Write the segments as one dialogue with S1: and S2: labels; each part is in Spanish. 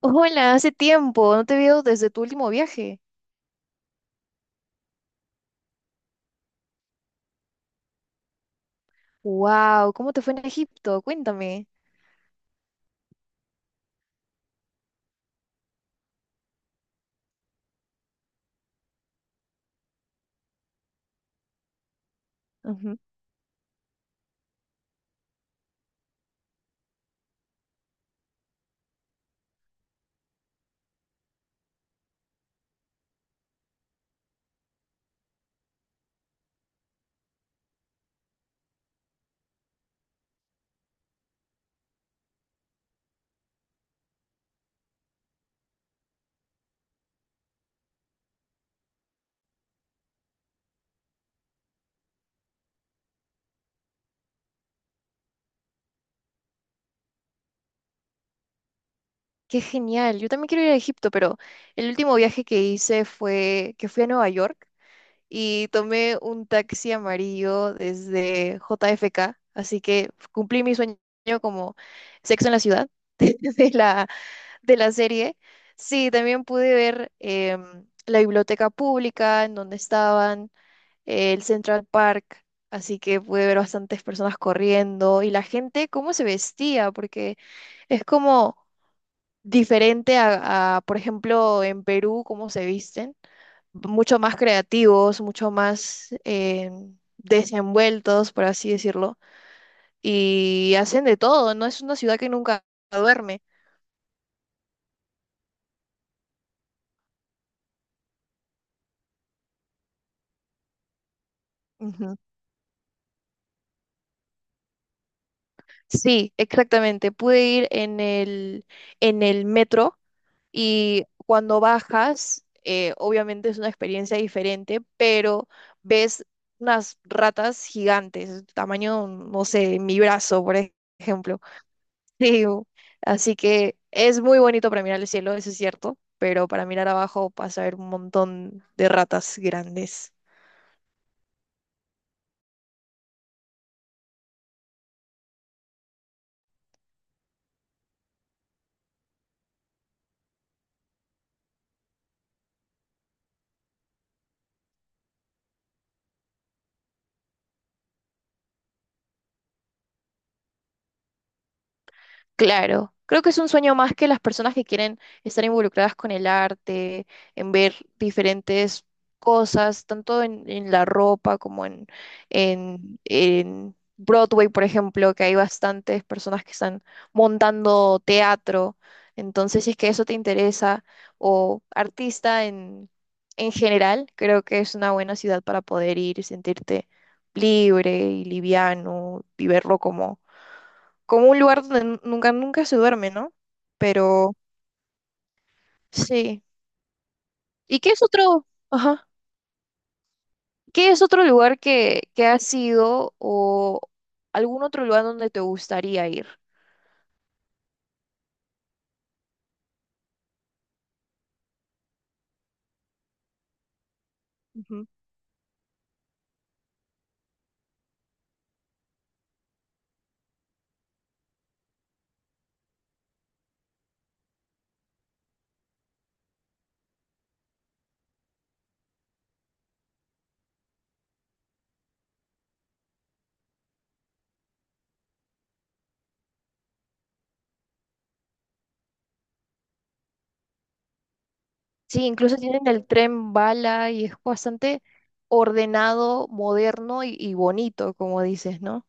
S1: Hola, hace tiempo, no te veo desde tu último viaje. Wow, ¿cómo te fue en Egipto? Cuéntame. Ujú. Qué genial. Yo también quiero ir a Egipto, pero el último viaje que hice fue que fui a Nueva York y tomé un taxi amarillo desde JFK, así que cumplí mi sueño como Sexo en la ciudad de la de la serie. Sí, también pude ver la biblioteca pública en donde estaban el Central Park, así que pude ver bastantes personas corriendo y la gente cómo se vestía, porque es como diferente a, por ejemplo, en Perú, cómo se visten, mucho más creativos, mucho más desenvueltos, por así decirlo, y hacen de todo, no es una ciudad que nunca duerme. Ujú. Sí, exactamente. Pude ir en el metro. Y cuando bajas, obviamente es una experiencia diferente, pero ves unas ratas gigantes, tamaño, no sé, mi brazo, ejemplo. Sí, así que es muy bonito para mirar el cielo, eso es cierto, pero para mirar abajo vas a ver un montón de ratas grandes. Claro, creo que es un sueño más que las personas que quieren estar involucradas con el arte, en ver diferentes cosas, tanto en la ropa como en Broadway, por ejemplo, que hay bastantes personas que están montando teatro. Entonces, si es que eso te interesa, o artista en general, creo que es una buena ciudad para poder ir y sentirte libre y liviano y verlo como como un lugar donde nunca, nunca se duerme, ¿no? Pero sí. ¿Y qué es otro, ajá, qué es otro lugar que has ido o algún otro lugar donde te gustaría ir? Ujú. Sí, incluso tienen el tren bala y es bastante ordenado, moderno y bonito, como dices, ¿no?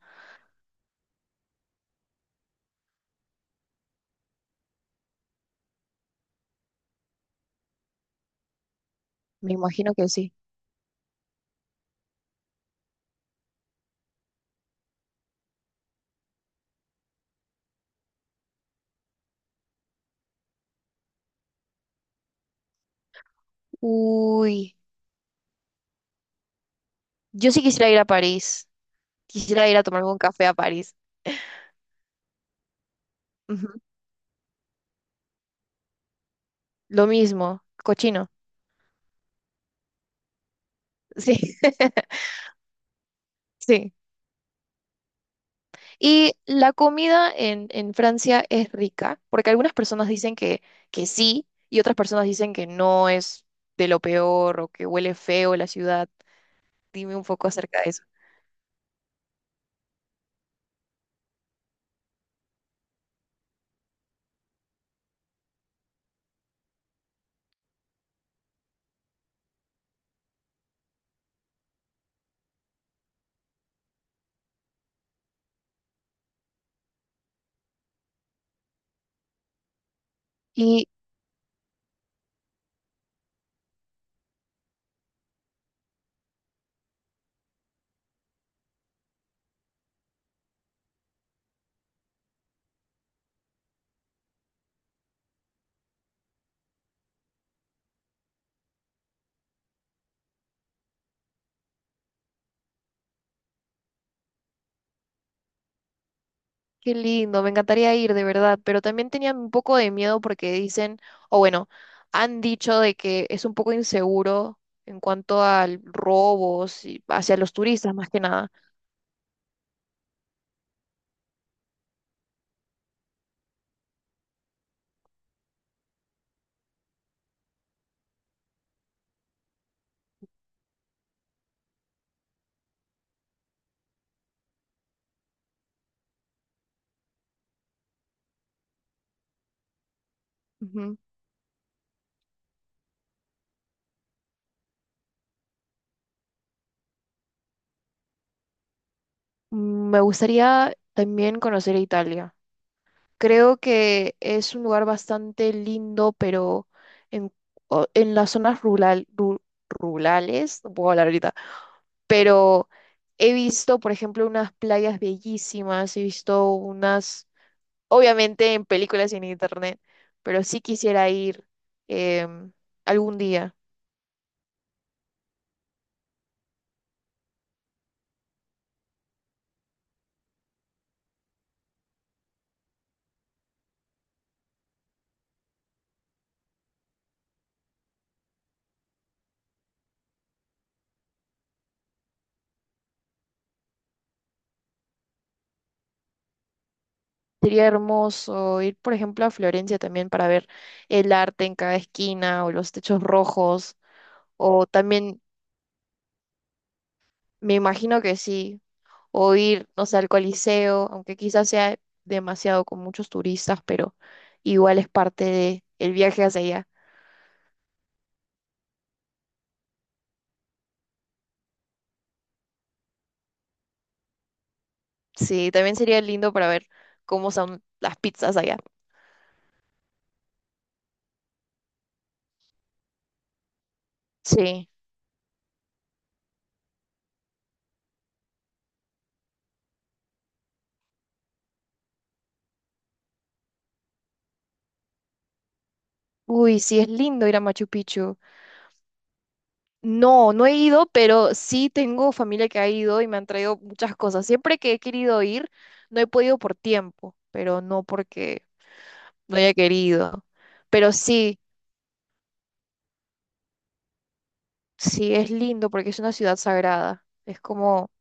S1: Me imagino que sí. Uy, yo sí quisiera ir a París. Quisiera ir a tomarme un café a París. Ujú. Lo mismo, cochino. Sí. Sí. Y la comida en Francia es rica, porque algunas personas dicen que sí y otras personas dicen que no es de lo peor o que huele feo la ciudad. Dime un poco acerca de eso. Y qué lindo, me encantaría ir de verdad, pero también tenía un poco de miedo porque dicen, o bueno, han dicho de que es un poco inseguro en cuanto a robos y hacia los turistas más que nada. Ujú. Me gustaría también conocer Italia. Creo que es un lugar bastante lindo, pero en, en las rurales, no puedo hablar ahorita, pero he visto, por ejemplo, unas playas bellísimas, he visto unas, obviamente en películas y en internet, pero sí quisiera ir em, algún día. Sería hermoso ir, por ejemplo, a Florencia también para ver el arte en cada esquina o los techos rojos, o también, me imagino que sí. O ir, no sé, al Coliseo, aunque quizás sea demasiado con muchos turistas, pero igual es parte de el viaje hacia allá. Sí, también sería lindo para ver cómo son las pizzas allá. Sí. Uy, sí, es lindo ir a Machu Picchu. No, no he ido, pero sí tengo familia que ha ido y me han traído muchas cosas. Siempre que he querido ir, no he podido por tiempo, pero no porque no haya querido. Pero sí, sí, es lindo porque es una ciudad sagrada. Es como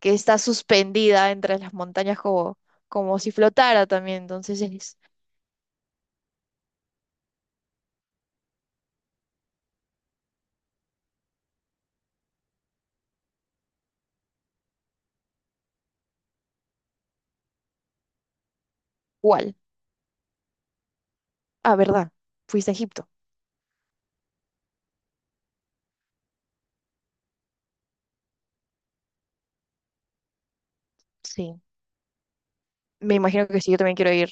S1: que está suspendida entre las montañas como, como si flotara también. Entonces es igual. Ah, ¿verdad? Fuiste a Egipto. Sí. Me imagino que sí, yo también quiero ir.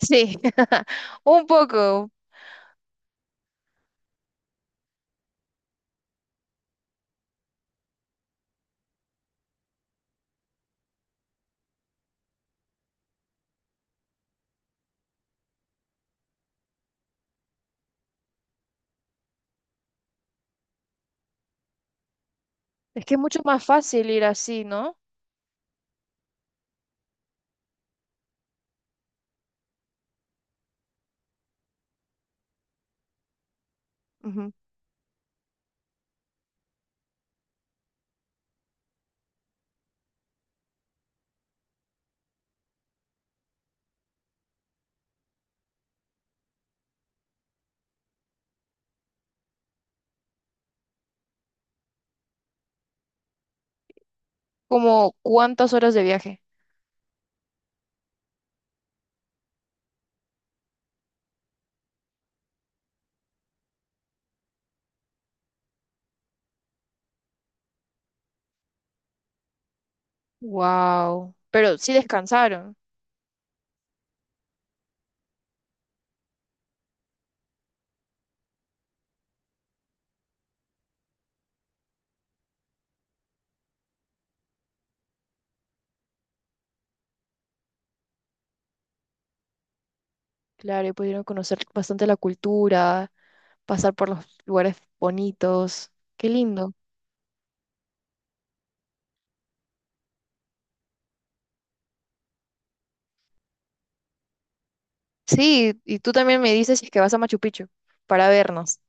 S1: Sí, un poco. Es que es mucho más fácil ir así, ¿no? Ujú. Como cuántas horas de viaje. Wow. Pero sí descansaron. Claro, y pudieron conocer bastante la cultura, pasar por los lugares bonitos. Qué lindo. Sí, y tú también me dices si es que vas a Machu Picchu para vernos.